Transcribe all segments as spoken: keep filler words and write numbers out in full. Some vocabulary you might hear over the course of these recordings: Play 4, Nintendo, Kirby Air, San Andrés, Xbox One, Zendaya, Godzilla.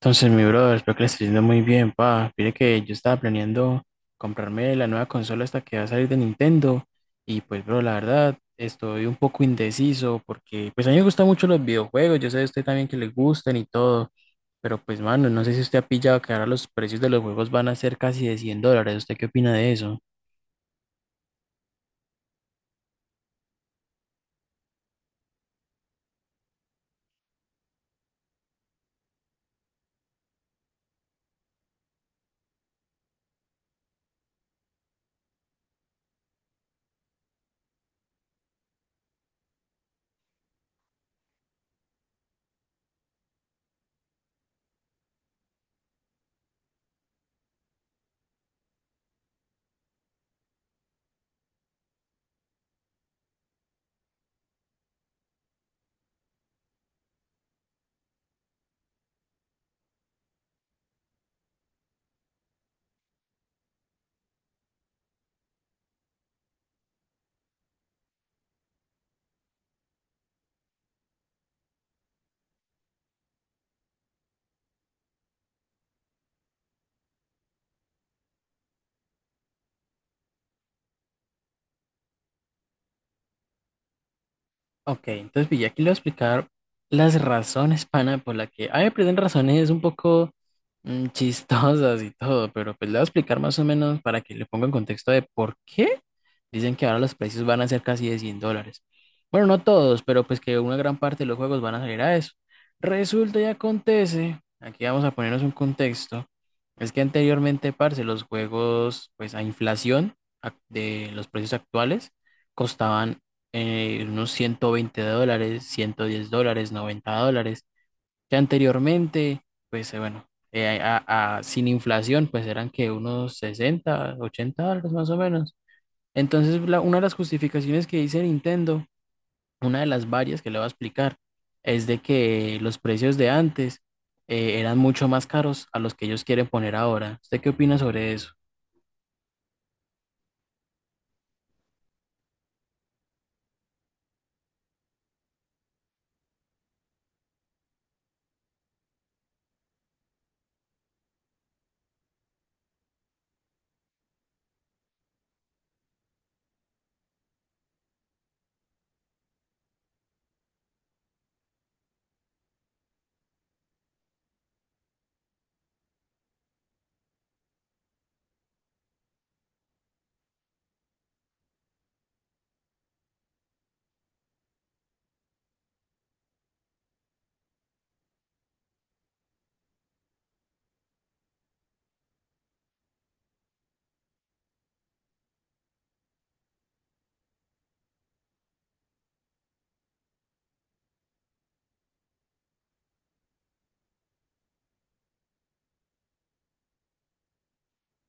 Entonces, mi brother, espero que le esté yendo muy bien, pa. Mire que yo estaba planeando comprarme la nueva consola hasta que va a salir de Nintendo. Y pues, bro, la verdad, estoy un poco indeciso porque, pues, a mí me gustan mucho los videojuegos. Yo sé a usted también que le gustan y todo. Pero, pues, mano, no sé si usted ha pillado que ahora los precios de los juegos van a ser casi de cien dólares. ¿Usted qué opina de eso? Ok, entonces pilla, aquí le voy a explicar las razones, pana, por la que... A mí me prenden razones un poco mm, chistosas y todo, pero pues le voy a explicar más o menos para que le ponga en contexto de por qué dicen que ahora los precios van a ser casi de cien dólares. Bueno, no todos, pero pues que una gran parte de los juegos van a salir a eso. Resulta y acontece, aquí vamos a ponernos un contexto, es que anteriormente, parce, los juegos, pues a inflación ac- de los precios actuales costaban eh, unos ciento veinte dólares, ciento diez dólares, noventa dólares, que anteriormente, pues eh, bueno, eh, a- a- sin inflación, pues eran que unos sesenta, ochenta dólares más o menos. Entonces, la- una de las justificaciones que dice Nintendo, una de las varias que le voy a explicar, es de que los precios de antes eh, eran mucho más caros a los que ellos quieren poner ahora. ¿Usted qué opina sobre eso?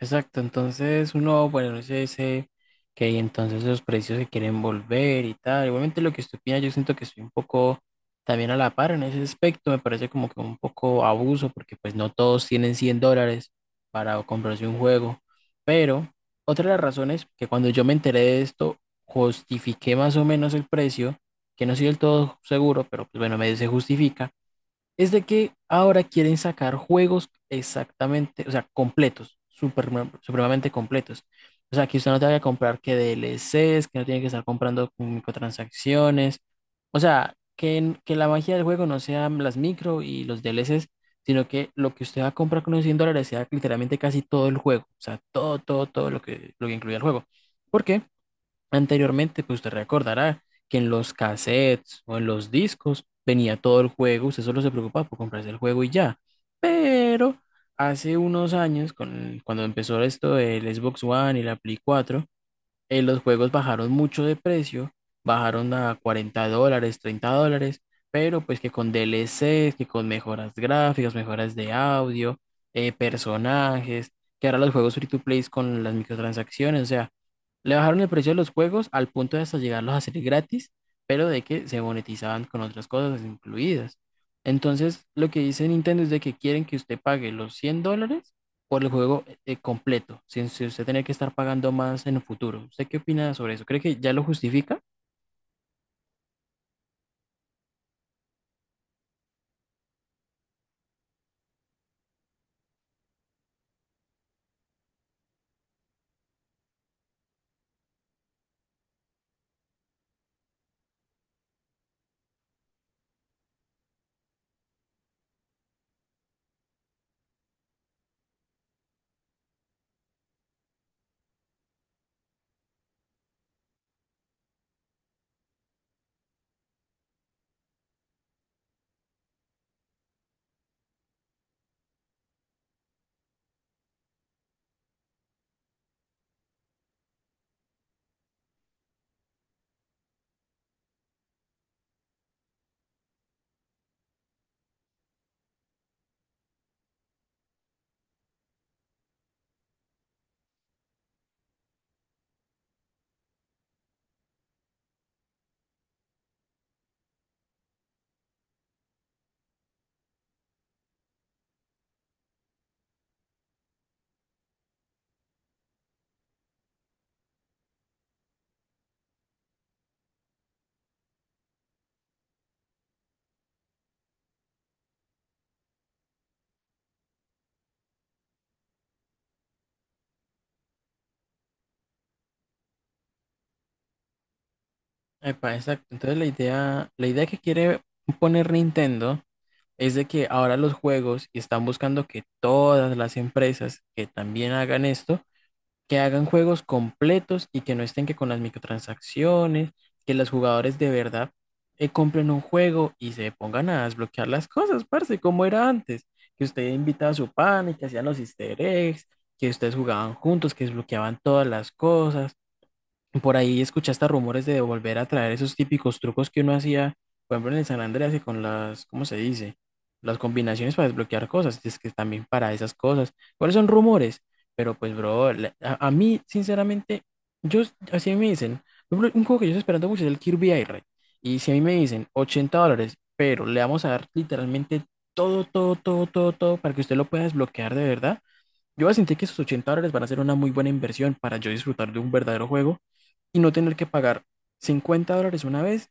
Exacto, entonces uno, bueno, no sé, dice que entonces los precios se quieren volver y tal. Igualmente lo que usted opina, yo siento que estoy un poco también a la par en ese aspecto, me parece como que un poco abuso, porque pues no todos tienen cien dólares para comprarse un juego. Pero otra de las razones que cuando yo me enteré de esto, justifiqué más o menos el precio, que no soy del todo seguro, pero pues bueno, me se justifica es de que ahora quieren sacar juegos exactamente, o sea, completos, super, supremamente completos. O sea, que usted no tenga que comprar que D L Cs, que no tiene que estar comprando con microtransacciones. O sea, que, en- que la magia del juego no sean las micro y los D L Cs, sino que lo que usted va a comprar con los cien dólares sea literalmente casi todo el juego. O sea, todo, todo, todo lo que, lo que incluye el juego. ¿Por qué? Anteriormente, pues usted recordará que en los cassettes o en los discos venía todo el juego, usted solo se preocupaba por comprarse el juego y ya. Pero hace unos años, con- cuando empezó esto del Xbox One y la Play cuatro, eh, los juegos bajaron mucho de precio, bajaron a cuarenta dólares, treinta dólares, pero pues que con D L Cs, que con mejoras gráficas, mejoras de audio, eh, personajes, que ahora los juegos free to play con las microtransacciones, o sea le bajaron el precio de los juegos al punto de hasta llegarlos a hacer gratis, pero de que se monetizaban con otras cosas incluidas. Entonces, lo que dice Nintendo es de que quieren que usted pague los cien dólares por el juego eh, completo, sin sin usted tener que estar pagando más en el futuro. ¿Usted qué opina sobre eso? ¿Cree que ya lo justifica? Epa, exacto. Entonces, la idea, la idea que quiere poner Nintendo es de que ahora los juegos y están buscando que todas las empresas que también hagan esto, que hagan juegos completos y que no estén que con las microtransacciones, que los jugadores de verdad eh, compren un juego y se pongan a desbloquear las cosas, parce, como era antes, que usted invitaba a su pan y que hacían los easter eggs, que ustedes jugaban juntos, que desbloqueaban todas las cosas por ahí escuchaste rumores de volver a traer esos típicos trucos que uno hacía, por ejemplo, en el San Andrés y con las, ¿cómo se dice? Las combinaciones para desbloquear cosas, es que también para esas cosas. ¿Cuáles son rumores? Pero pues, bro, la- a, a mí, sinceramente, yo, así me dicen, por ejemplo, un juego que yo estoy esperando mucho es el Kirby Air. Y si a mí me dicen ochenta dólares, pero le vamos a dar literalmente todo, todo, todo, todo, todo para que usted lo pueda desbloquear de verdad, yo voy a sentir que esos ochenta dólares van a ser una muy buena inversión para yo disfrutar de un verdadero juego y no tener que pagar cincuenta dólares una vez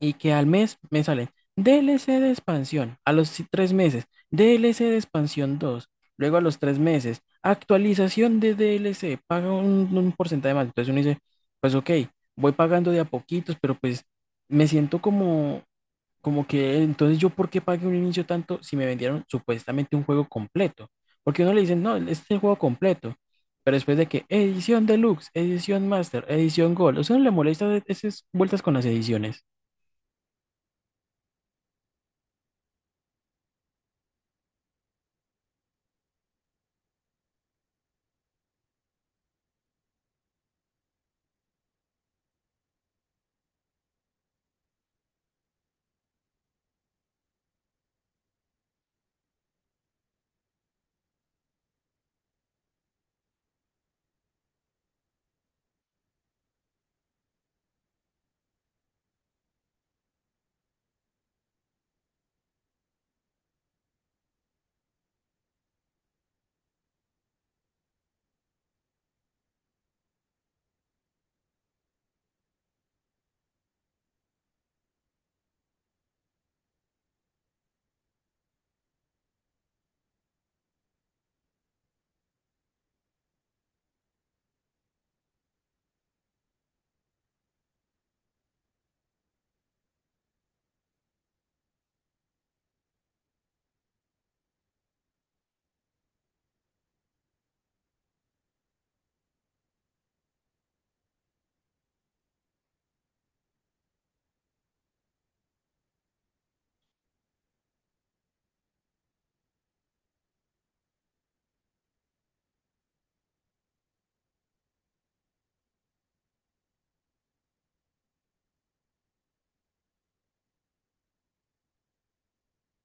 y que al mes me salen D L C de expansión a los si- tres meses, D L C de expansión dos luego a los tres meses, actualización de D L C, paga un, un porcentaje más. Entonces uno dice, pues ok, voy pagando de a poquitos, pero pues me siento como como que entonces yo por qué pagué un inicio tanto si me vendieron supuestamente un juego completo. Porque uno le dicen, no, este es el juego completo. Pero después de que edición deluxe, edición master, edición gold, o sea, no le molesta esas vueltas con las ediciones.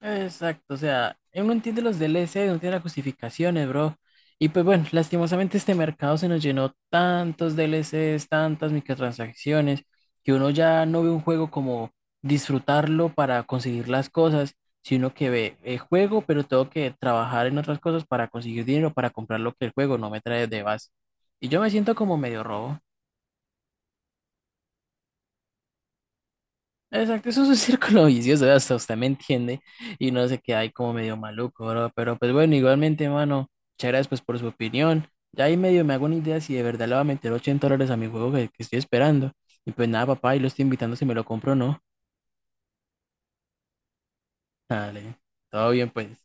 Exacto, o sea, uno entiende los D L C, uno entiende las justificaciones, bro. Y pues bueno, lastimosamente este mercado se nos llenó tantos D L Cs, tantas microtransacciones, que uno ya no ve un juego como disfrutarlo para conseguir las cosas, sino que ve el juego, pero tengo que trabajar en otras cosas para conseguir dinero, para comprar lo que el juego no me trae de base. Y yo me siento como medio robo. Exacto, eso es un círculo vicioso, hasta usted me entiende y no sé qué hay como medio maluco, bro. Pero pues bueno, igualmente, mano, muchas gracias pues por su opinión. Ya ahí medio me hago una idea si de verdad le va a meter ochenta dólares a mi juego que, que estoy esperando. Y pues nada, papá, y lo estoy invitando si me lo compro o no. Dale, todo bien pues.